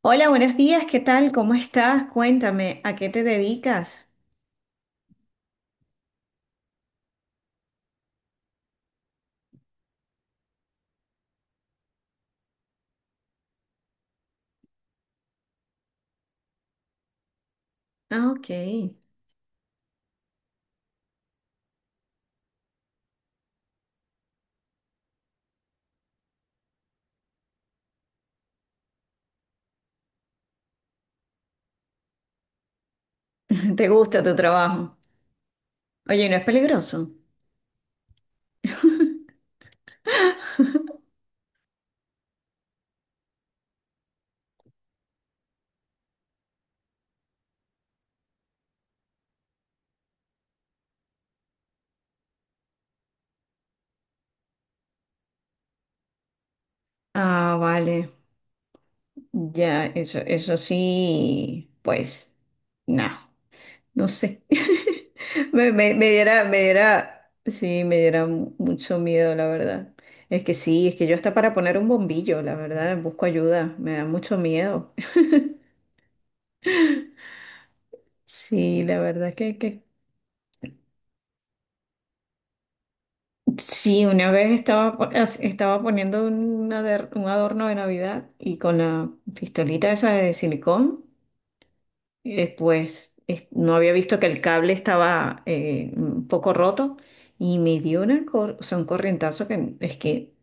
Hola, buenos días, ¿qué tal? ¿Cómo estás? Cuéntame, ¿a qué te dedicas? Ah, ok. ¿Te gusta tu trabajo? Oye, ¿no es peligroso? Ah, vale. Ya, eso sí, pues, nada, no sé. Me diera, sí, me diera mucho miedo, la verdad. Es que sí, es que yo hasta para poner un bombillo, la verdad, busco ayuda, me da mucho miedo. Sí, la verdad que sí, una vez estaba, estaba poniendo un adorno de Navidad y con la pistolita esa de silicón, pues no había visto que el cable estaba un poco roto y me dio una cor- o sea, un corrientazo que es que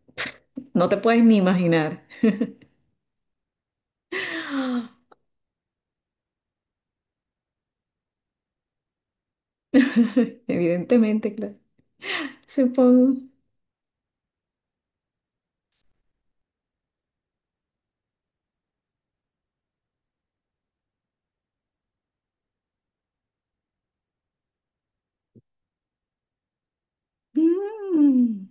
no te puedes ni imaginar. Evidentemente, claro. Supongo. Mm,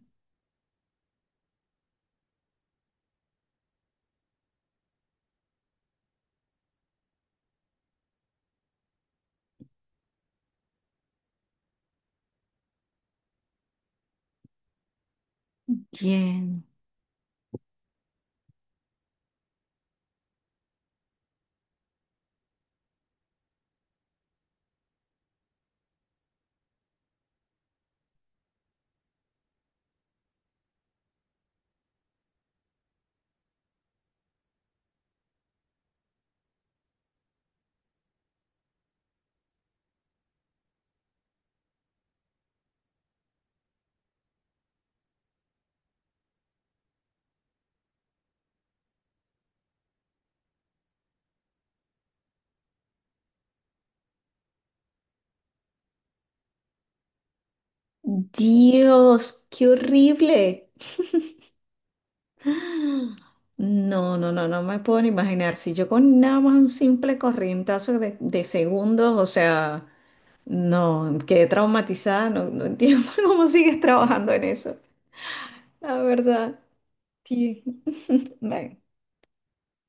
bien. Dios, qué horrible. No, no, no, no me puedo ni imaginar. Si yo con nada más un simple corrientazo de segundos, o sea, no, quedé traumatizada, no, no entiendo cómo sigues trabajando en eso. La verdad, sí. Bueno,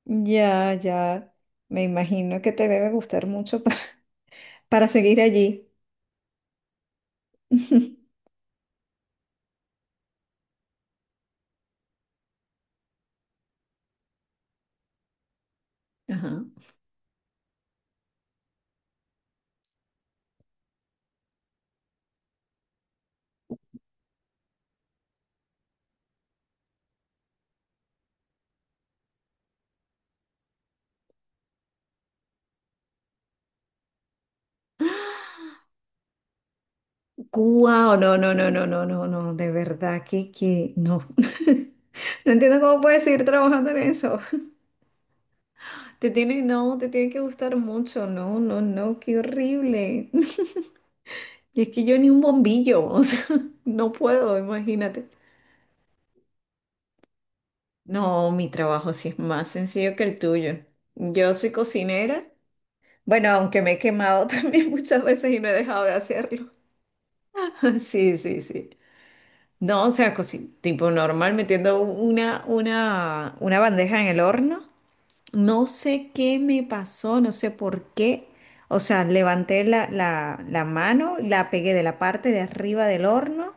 ya, ya, me imagino que te debe gustar mucho para, para seguir allí. Ajá. Guau, no, no, no, no, no, no, no, de verdad que no. No entiendo cómo puedes seguir trabajando en eso. Te tiene, no, te tiene que gustar mucho, no, no, no, qué horrible. Y es que yo ni un bombillo, o sea, no puedo, imagínate. No, mi trabajo sí es más sencillo que el tuyo. Yo soy cocinera, bueno, aunque me he quemado también muchas veces y no he dejado de hacerlo. Sí, sí, sí. No, o sea, tipo normal, metiendo una bandeja en el horno. No sé qué me pasó, no sé por qué. O sea, levanté la mano, la pegué de la parte de arriba del horno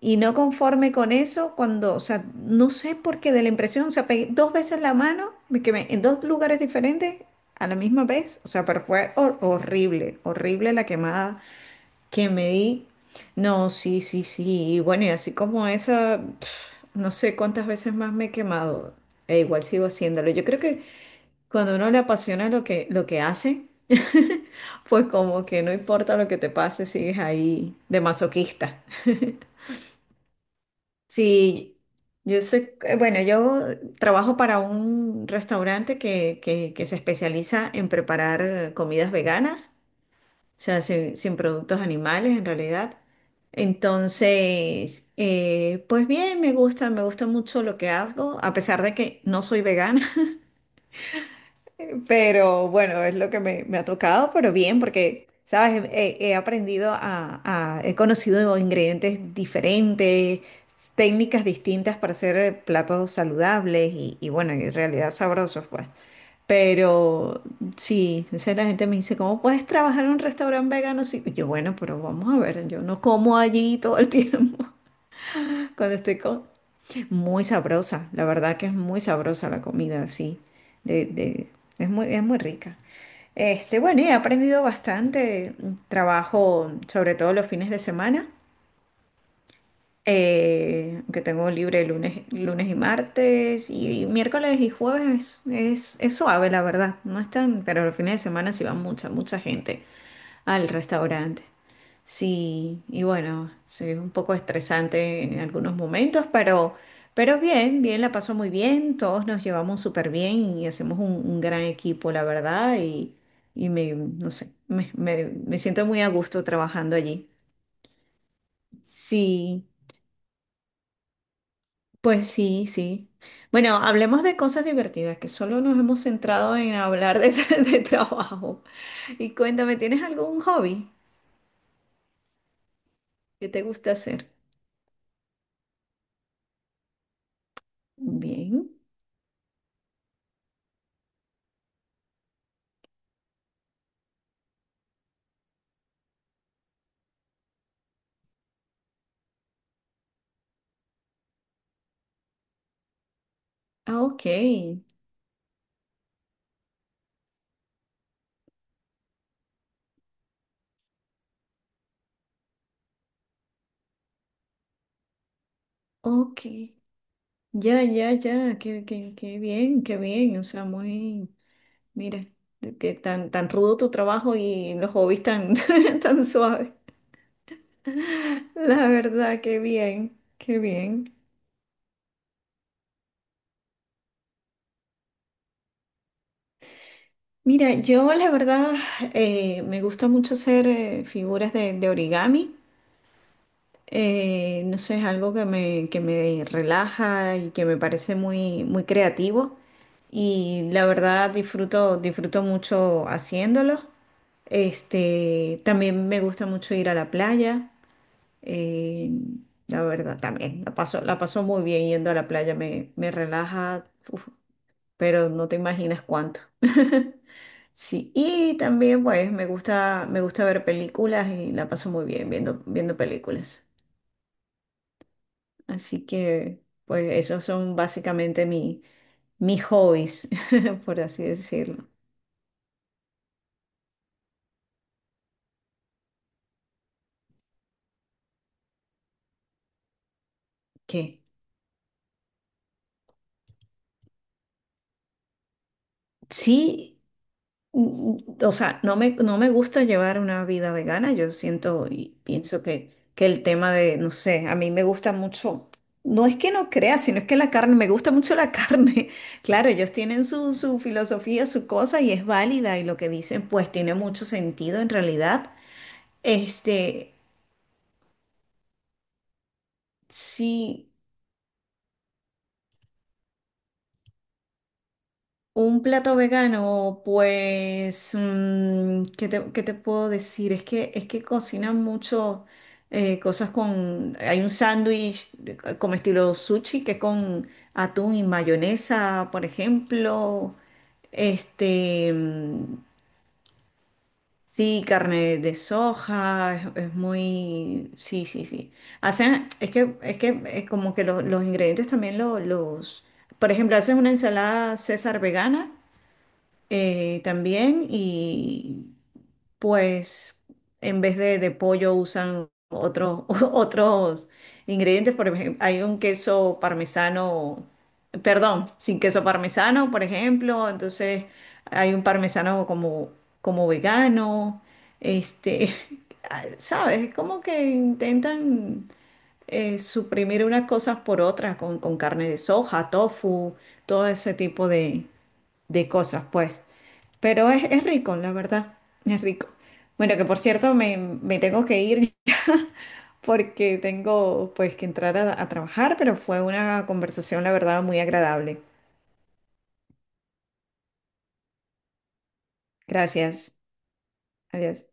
y no conforme con eso, cuando, o sea, no sé por qué de la impresión, o sea, pegué dos veces la mano, me quemé en dos lugares diferentes a la misma vez. O sea, pero fue horrible, horrible la quemada que me di. No, sí, sí, sí. Y bueno, y así como esa, pf, no sé cuántas veces más me he quemado. E igual sigo haciéndolo. Yo creo que cuando uno le apasiona lo que hace, pues como que no importa lo que te pase, sigues ahí de masoquista. Sí, yo sé, bueno, yo trabajo para un restaurante que se especializa en preparar comidas veganas, o sea, sin productos animales en realidad. Entonces, pues bien, me gusta mucho lo que hago, a pesar de que no soy vegana. Pero bueno, es lo que me ha tocado, pero bien, porque, ¿sabes? He aprendido a, he conocido ingredientes diferentes, técnicas distintas para hacer platos saludables y bueno, en realidad sabrosos, pues. Pero sí, o sea, la gente me dice, ¿cómo puedes trabajar en un restaurante vegano? Sí, yo, bueno, pero vamos a ver, yo no como allí todo el tiempo cuando estoy co- muy sabrosa, la verdad que es muy sabrosa la comida, sí. De, de, es muy rica. Este, bueno, y he aprendido bastante. Trabajo sobre todo los fines de semana, que tengo libre lunes, martes, y miércoles y jueves es suave, la verdad. No están, pero los fines de semana sí va mucha, mucha gente al restaurante. Sí, y bueno, sí, es un poco estresante en algunos momentos, pero bien, bien, la pasó muy bien, todos nos llevamos súper bien y hacemos un gran equipo, la verdad, y, no sé, me siento muy a gusto trabajando allí. Sí, pues sí, sí. Bueno, hablemos de cosas divertidas, que solo nos hemos centrado en hablar de, de trabajo. Y cuéntame, ¿tienes algún hobby que te gusta hacer? Bien. Ah, ok, ok, ya, ya, ya, qué, qué, qué bien, o sea, muy, mira, de que tan, tan rudo tu trabajo y los hobbies tan, tan suaves, la verdad, qué bien, qué bien. Mira, yo la verdad me gusta mucho hacer figuras de origami. No sé, es algo que me relaja y que me parece muy, muy creativo. Y la verdad disfruto, disfruto mucho haciéndolo. Este, también me gusta mucho ir a la playa. eh, la verdad, también la paso muy bien yendo a la playa, me relaja, uf, pero no te imaginas cuánto. Sí, y también pues me gusta ver películas y la paso muy bien viendo, viendo películas. Así que, pues, esos son básicamente mi, mis hobbies, por así decirlo. Que sí, mm, o sea, no me, no me gusta llevar una vida vegana. Yo siento y pienso que el tema de, no sé, a mí me gusta mucho. No es que no crea, sino es que la carne, me gusta mucho la carne. Claro, ellos tienen su, su filosofía, su cosa y es válida y lo que dicen pues tiene mucho sentido en realidad. Este, sí. Un plato vegano, pues, mm, qué te puedo decir? Es que cocinan mucho cosas con... Hay un sándwich como estilo sushi que es con atún y mayonesa, por ejemplo. Este, mm, sí, carne de soja, es muy... Sí, sí, sí. Hacen, es que, es que es como que los ingredientes también los... Por ejemplo, hacen una ensalada César vegana también y pues en vez de pollo usan otros otros ingredientes, por ejemplo, hay un queso parmesano, perdón, sin queso parmesano, por ejemplo, entonces hay un parmesano como, como vegano, este, ah, ¿sabes? Es como que intentan... suprimir unas cosas por otras con carne de soja, tofu, todo ese tipo de cosas, pues. Pero es rico, la verdad, es rico. Bueno, que por cierto, me tengo que ir porque tengo pues que entrar a trabajar, pero fue una conversación, la verdad, muy agradable. Gracias. Adiós.